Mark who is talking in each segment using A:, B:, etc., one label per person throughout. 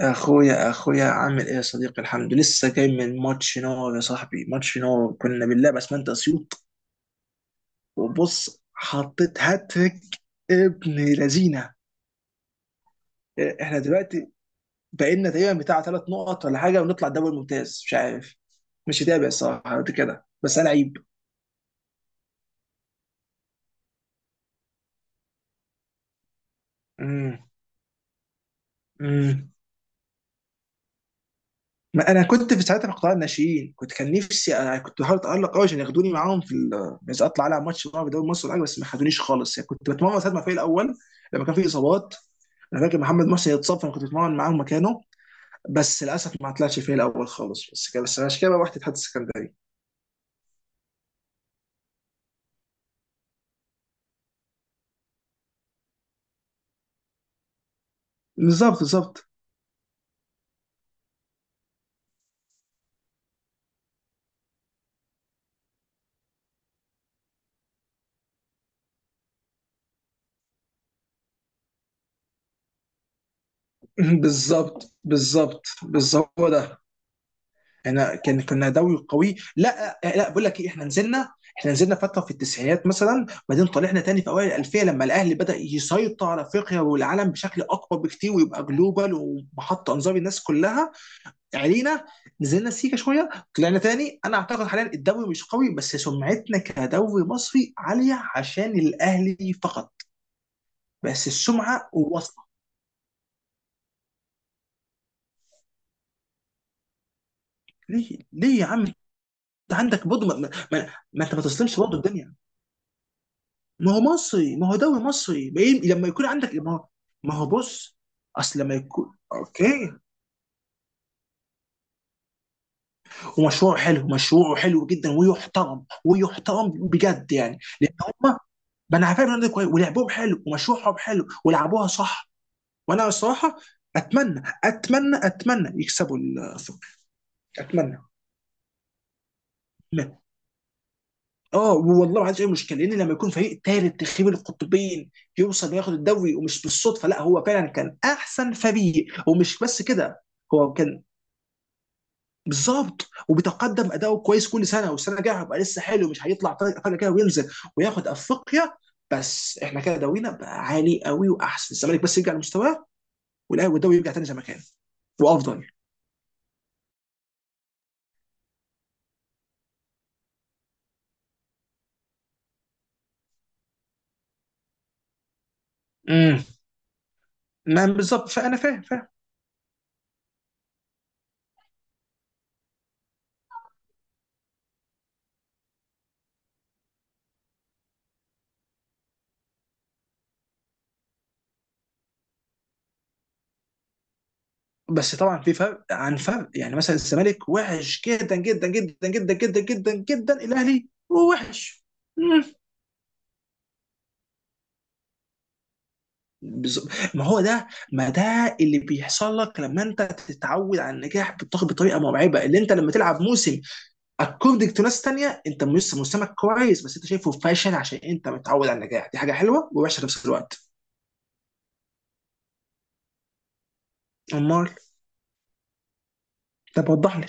A: اخويا عامل ايه يا صديقي؟ الحمد لله، لسه جاي من ماتش نار يا صاحبي، ماتش نار. كنا بنلعب اسمنت اسيوط وبص حطيت هاتريك ابن لذينه. إيه، احنا دلوقتي بقينا تقريبا بتاع ثلاث نقط ولا حاجه ونطلع الدوري الممتاز، مش عارف، مش متابع الصراحه قد كده، بس انا عيب. امم ما انا كنت في ساعتها في قطاع الناشئين، كنت كان نفسي، انا كنت بحاول اتالق قوي عشان ياخدوني معاهم في عايز اطلع على ماتش معاهم في دوري مصر ولا حاجه، بس ما خدونيش خالص، يعني كنت بتمرن ساعه ما في الاول لما كان في اصابات. انا فاكر محمد محسن اتصاب فانا كنت بتمرن معاهم مكانه، بس للاسف ما طلعش في الاول خالص، بس كده، بس عشان كده بقى رحت اتحاد السكندري. بالظبط بالظبط. بالظبط بالظبط بالظبط، هو ده. احنا كنا دوري قوي، لا لا بقول لك ايه، احنا نزلنا، احنا نزلنا فتره في التسعينات مثلا، بعدين طلعنا تاني في اوائل الالفيه لما الاهلي بدا يسيطر على افريقيا والعالم بشكل اكبر بكتير، ويبقى جلوبال ومحط انظار الناس كلها علينا. نزلنا سيكا شويه، طلعنا تاني. انا اعتقد حاليا الدوري مش قوي، بس سمعتنا كدوري مصري عاليه عشان الاهلي فقط، بس السمعه واصله. ليه ليه يا عم؟ انت عندك برضه ما انت ما تسلمش برضه الدنيا. ما هو مصري، ما هو دوري مصري، ما لما يكون عندك إيه؟ ما هو، ما هو بص، اصل لما يكون اوكي ومشروع حلو، مشروع حلو جدا، ويحترم ويحترم بجد، يعني لان هم، ما انا عارف إن ده كويس ولعبهم حلو ومشروعهم حلو ولعبوها صح. وانا الصراحه اتمنى اتمنى اتمنى يكسبوا الثقه، اتمنى. اه والله ما عنديش اي مشكله، لان لما يكون فريق ثالث تخيب القطبين يوصل ياخد الدوري، ومش بالصدفه، لا هو فعلا كان احسن فريق، ومش بس كده، هو كان بالظبط، وبيتقدم اداؤه كويس كل سنه، والسنه الجايه هيبقى لسه حلو، مش هيطلع طريق فجاه كده وينزل، وياخد افريقيا. بس احنا كده دورينا بقى عالي قوي واحسن، الزمالك بس يرجع لمستواه والاهلي، والدوري يرجع تاني زي ما كان وافضل. امم ما بالظبط، فانا فاهم فاهم. بس طبعا في فرق عن فرق، يعني مثلا الزمالك وحش جدا جدا جدا جدا جدا جدا جدا، الاهلي هو وحش. مم. بز- ما هو ده، ما ده اللي بيحصل لك لما انت تتعود على النجاح بطريقه مرعبه، اللي انت لما تلعب موسم اكوردنج تو ناس تانيه، انت لسه موسمك كويس بس انت شايفه فاشل عشان انت متعود على النجاح. دي حاجه حلوه ووحشه في نفس الوقت. امال طب وضح لي.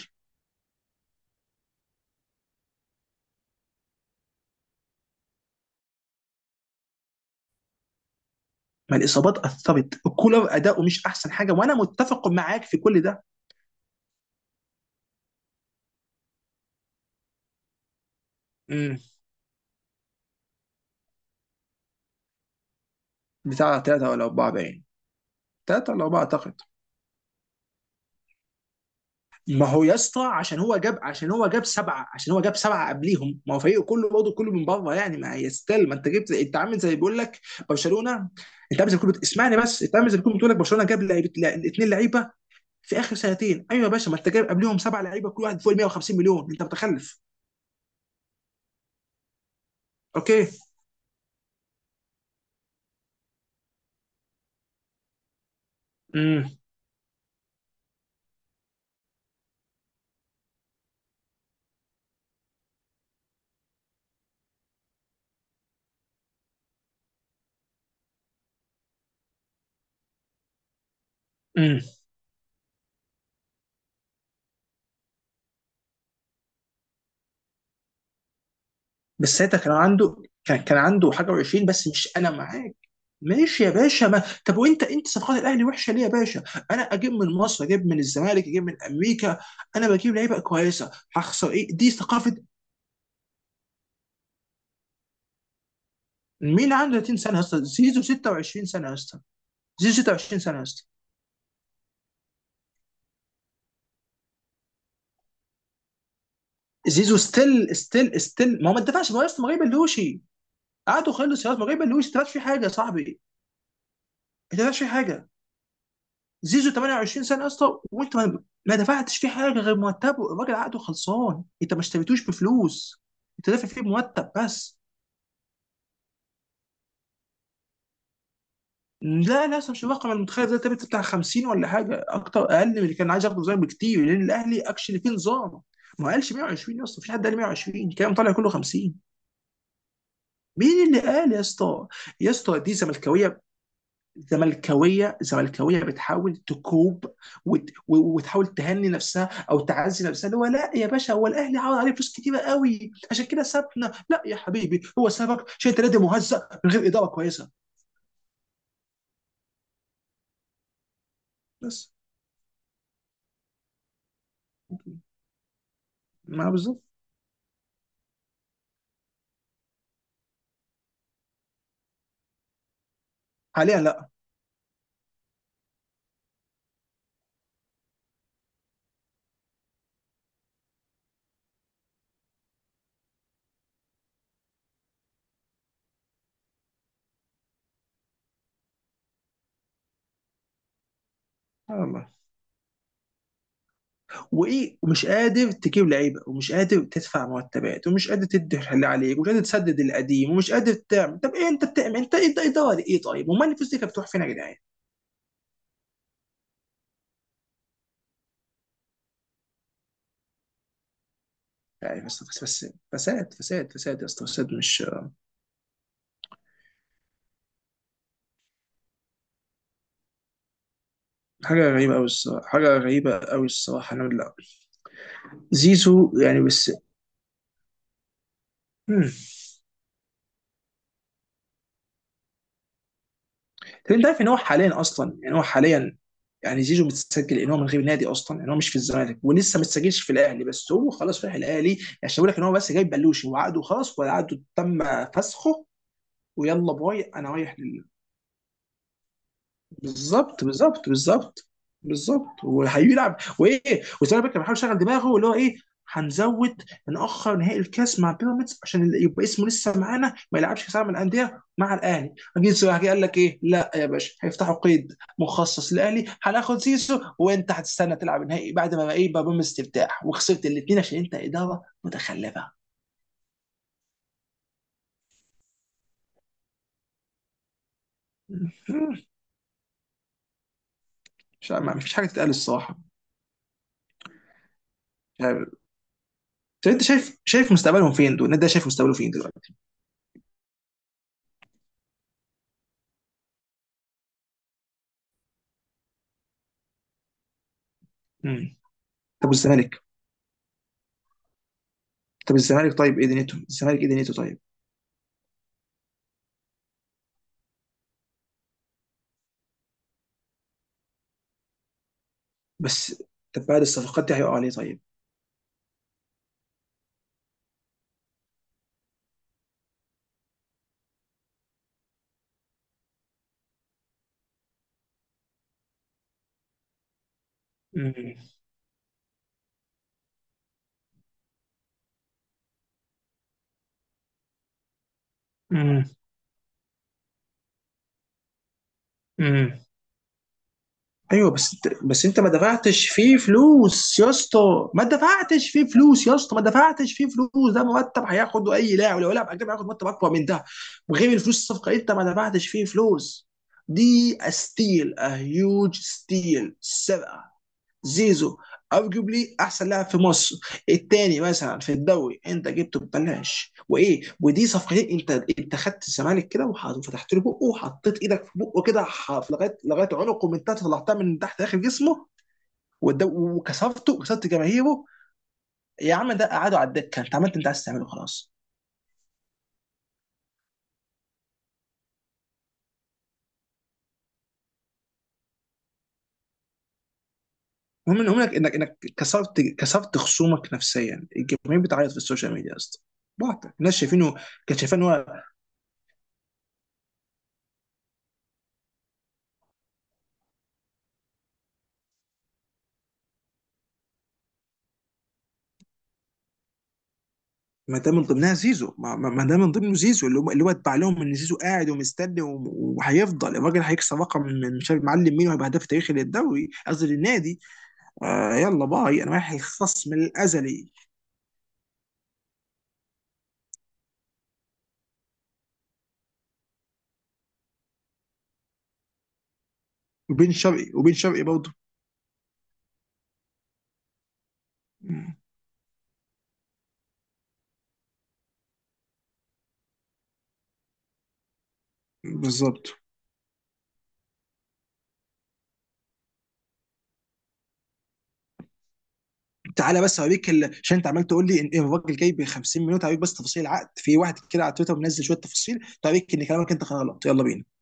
A: ما الاصابات اثرت، كولر اداؤه مش احسن حاجه، وانا متفق معاك في كل ده. مم. بتاع ثلاثة ولا أربعة باين، ثلاثة ولا أربعة أعتقد. ما هو يا اسطى، عشان هو جاب، عشان هو جاب سبعة قبليهم، ما هو فريقه كله برضه كله من بره، يعني ما يستل، ما أنت جبت، أنت عامل زي بيقول لك برشلونة. أنت عامل زي بيقول، اسمعني بس، أنت عامل زي بيقول لك برشلونة جاب لعيبة اتنين لعيبة في آخر سنتين، أيوة يا باشا، ما أنت جايب قبليهم سبعة لعيبة كل واحد فوق ال 150 مليون، أنت متخلف. أوكي. امم بس ساعتها كان عنده، كان كان عنده حاجه و20، بس مش انا معاك. ماشي يا باشا، ما طب وانت انت صفقات الاهلي وحشه ليه يا باشا؟ انا اجيب من مصر، اجيب من الزمالك، اجيب من امريكا، انا بجيب لعيبه كويسه، هخسر ايه؟ دي ثقافه. مين عنده 30 سنه يا اسطى؟ زيزو 26 سنه يا اسطى، زيزو 26 سنه يا اسطى. زيزو ستيل ستيل ستيل، ما هو ما اتدفعش، ما هو يا اسطى ما غير بلوشي، قعدوا خلص يا اسطى، ما غير بلوشي ما اتدفعش فيه حاجه يا صاحبي، ما اتدفعش فيه حاجه. زيزو 28 سنه يا اسطى، وانت ما ما دفعتش فيه حاجه غير مرتبه، الراجل عقده خلصان، انت ما اشتريتوش بفلوس، انت دافع فيه بمرتب بس. لا لا، أصلاً مش الرقم المتخيل ده، تبقى بتاع 50 ولا حاجه، اكتر اقل من اللي كان عايز ياخده زي بكتير لان الاهلي اكشلي فيه نظام. ما قالش 120 يا اسطى، مفيش حد قال 120، الكلام طالع كله 50. مين اللي قال يا اسطى؟ يا اسطى دي زملكاويه، زملكاويه، زملكاويه بتحاول تكوب، وتحاول تهني نفسها او تعزي نفسها، اللي هو لا يا باشا هو الاهلي عوض عليه فلوس كتيره قوي عشان كده سابنا، لا يا حبيبي هو سابك عشان انت نادي مهزأ من غير اداره كويسه بس. ما بالظبط. حاليا لا. الله. وايه، ومش قادر تجيب لعيبه، ومش قادر تدفع مرتبات، ومش قادر تدي اللي عليك، ومش قادر تسدد القديم، ومش قادر تعمل، طب ايه انت بتعمل؟ انت انت اداره ايه طيب؟ وما الفلوس دي كانت بتروح فين يا جدعان؟ يعني بس بس بس فساد فساد فساد يا اسطى، فساد مش حاجه غريبه قوي الصراحه، حاجه غريبه قوي الصراحه. انا لا، زيزو، يعني بس. مم. طب انت عارف ان هو حاليا اصلا، يعني هو حاليا، يعني زيزو متسجل ان هو من غير نادي اصلا، ان هو مش في الزمالك ولسه ما اتسجلش في الاهلي، بس هو خلاص رايح الاهلي. عشان بقول لك ان هو بس جايب بلوشي، وعقده خلاص وعقده تم فسخه. ويلا باي انا رايح. بالظبط بالظبط بالظبط بالظبط، وهيلعب وايه، وزي ما بيكر بيحاول يشغل دماغه اللي هو ايه، هنزود نأخر نهائي الكاس مع بيراميدز عشان اللي يبقى اسمه لسه معانا ما يلعبش كاس العالم للأندية مع الأهلي. جه سواحي قال لك ايه؟ لا يا باشا، هيفتحوا قيد مخصص للأهلي، هناخد سيسو، وانت هتستنى تلعب النهائي بعد ما بقى ايه، بقى بيراميدز ترتاح وخسرت الاثنين عشان انت إدارة متخلفة. مش، ما فيش حاجة تتقال الصراحة. مش عارف. طب انت شايف، شايف مستقبلهم فين دول؟ النادي ده شايف مستقبله فين دلوقتي؟ طب والزمالك، طب الزمالك طيب، ايه دنيته الزمالك، ايه دنيته طيب؟ بس. طب بعد الصفقات دي هيقع عليه طيب؟ مم. مم. مم. ايوه، بس انت، بس انت ما دفعتش فيه فلوس يا اسطى، ما دفعتش فيه فلوس يا اسطى، ما دفعتش فيه فلوس، ده مرتب هياخده اي لاعب، لو لاعب اجنبي هياخد مرتب اكبر من ده. وغير الفلوس، الصفقه انت ما دفعتش فيه فلوس، دي ستيل، ا هيوج ستيل، سرقه. زيزو ارجوبلي احسن لاعب في مصر، الثاني مثلا في الدوري انت جبته ببلاش، وايه ودي صفقتين. انت، انت خدت الزمالك كده وفتحت له بقه، وحطيت ايدك في بقه كده في لغايه، لغايه عنقه من تحت، طلعتها من تحت اخر جسمه وكسرته، وكسرت جماهيره. يا عم ده قعدوا على الدكه، انت عملت انت عايز تعمله خلاص. المهم انك انك انك كسرت، كسرت خصومك نفسيا، الجماهير بتعيط في السوشيال ميديا يا اسطى، بعت الناس شايفينه، كان شايفين هو. ما ده من ضمنها زيزو، ما ده من ضمنه زيزو، اللي هو اللي هو اتبع لهم ان زيزو قاعد ومستني وهيفضل الراجل هيكسر رقم من مش عارف معلم مين، وهيبقى هداف تاريخي للدوري، قصدي للنادي. آه يلا باي انا رايح الخصم الازلي. وبين شرقي، وبين شرقي برضه. مم. بالظبط. تعالى بس اوريك عشان انت عمال تقول لي ان إن الراجل جاي ب 50 مليون، تعالى بس تفاصيل العقد، في واحد كده على تويتر منزل شويه تفاصيل، تعالى ان كلامك انت غلط، يلا بينا.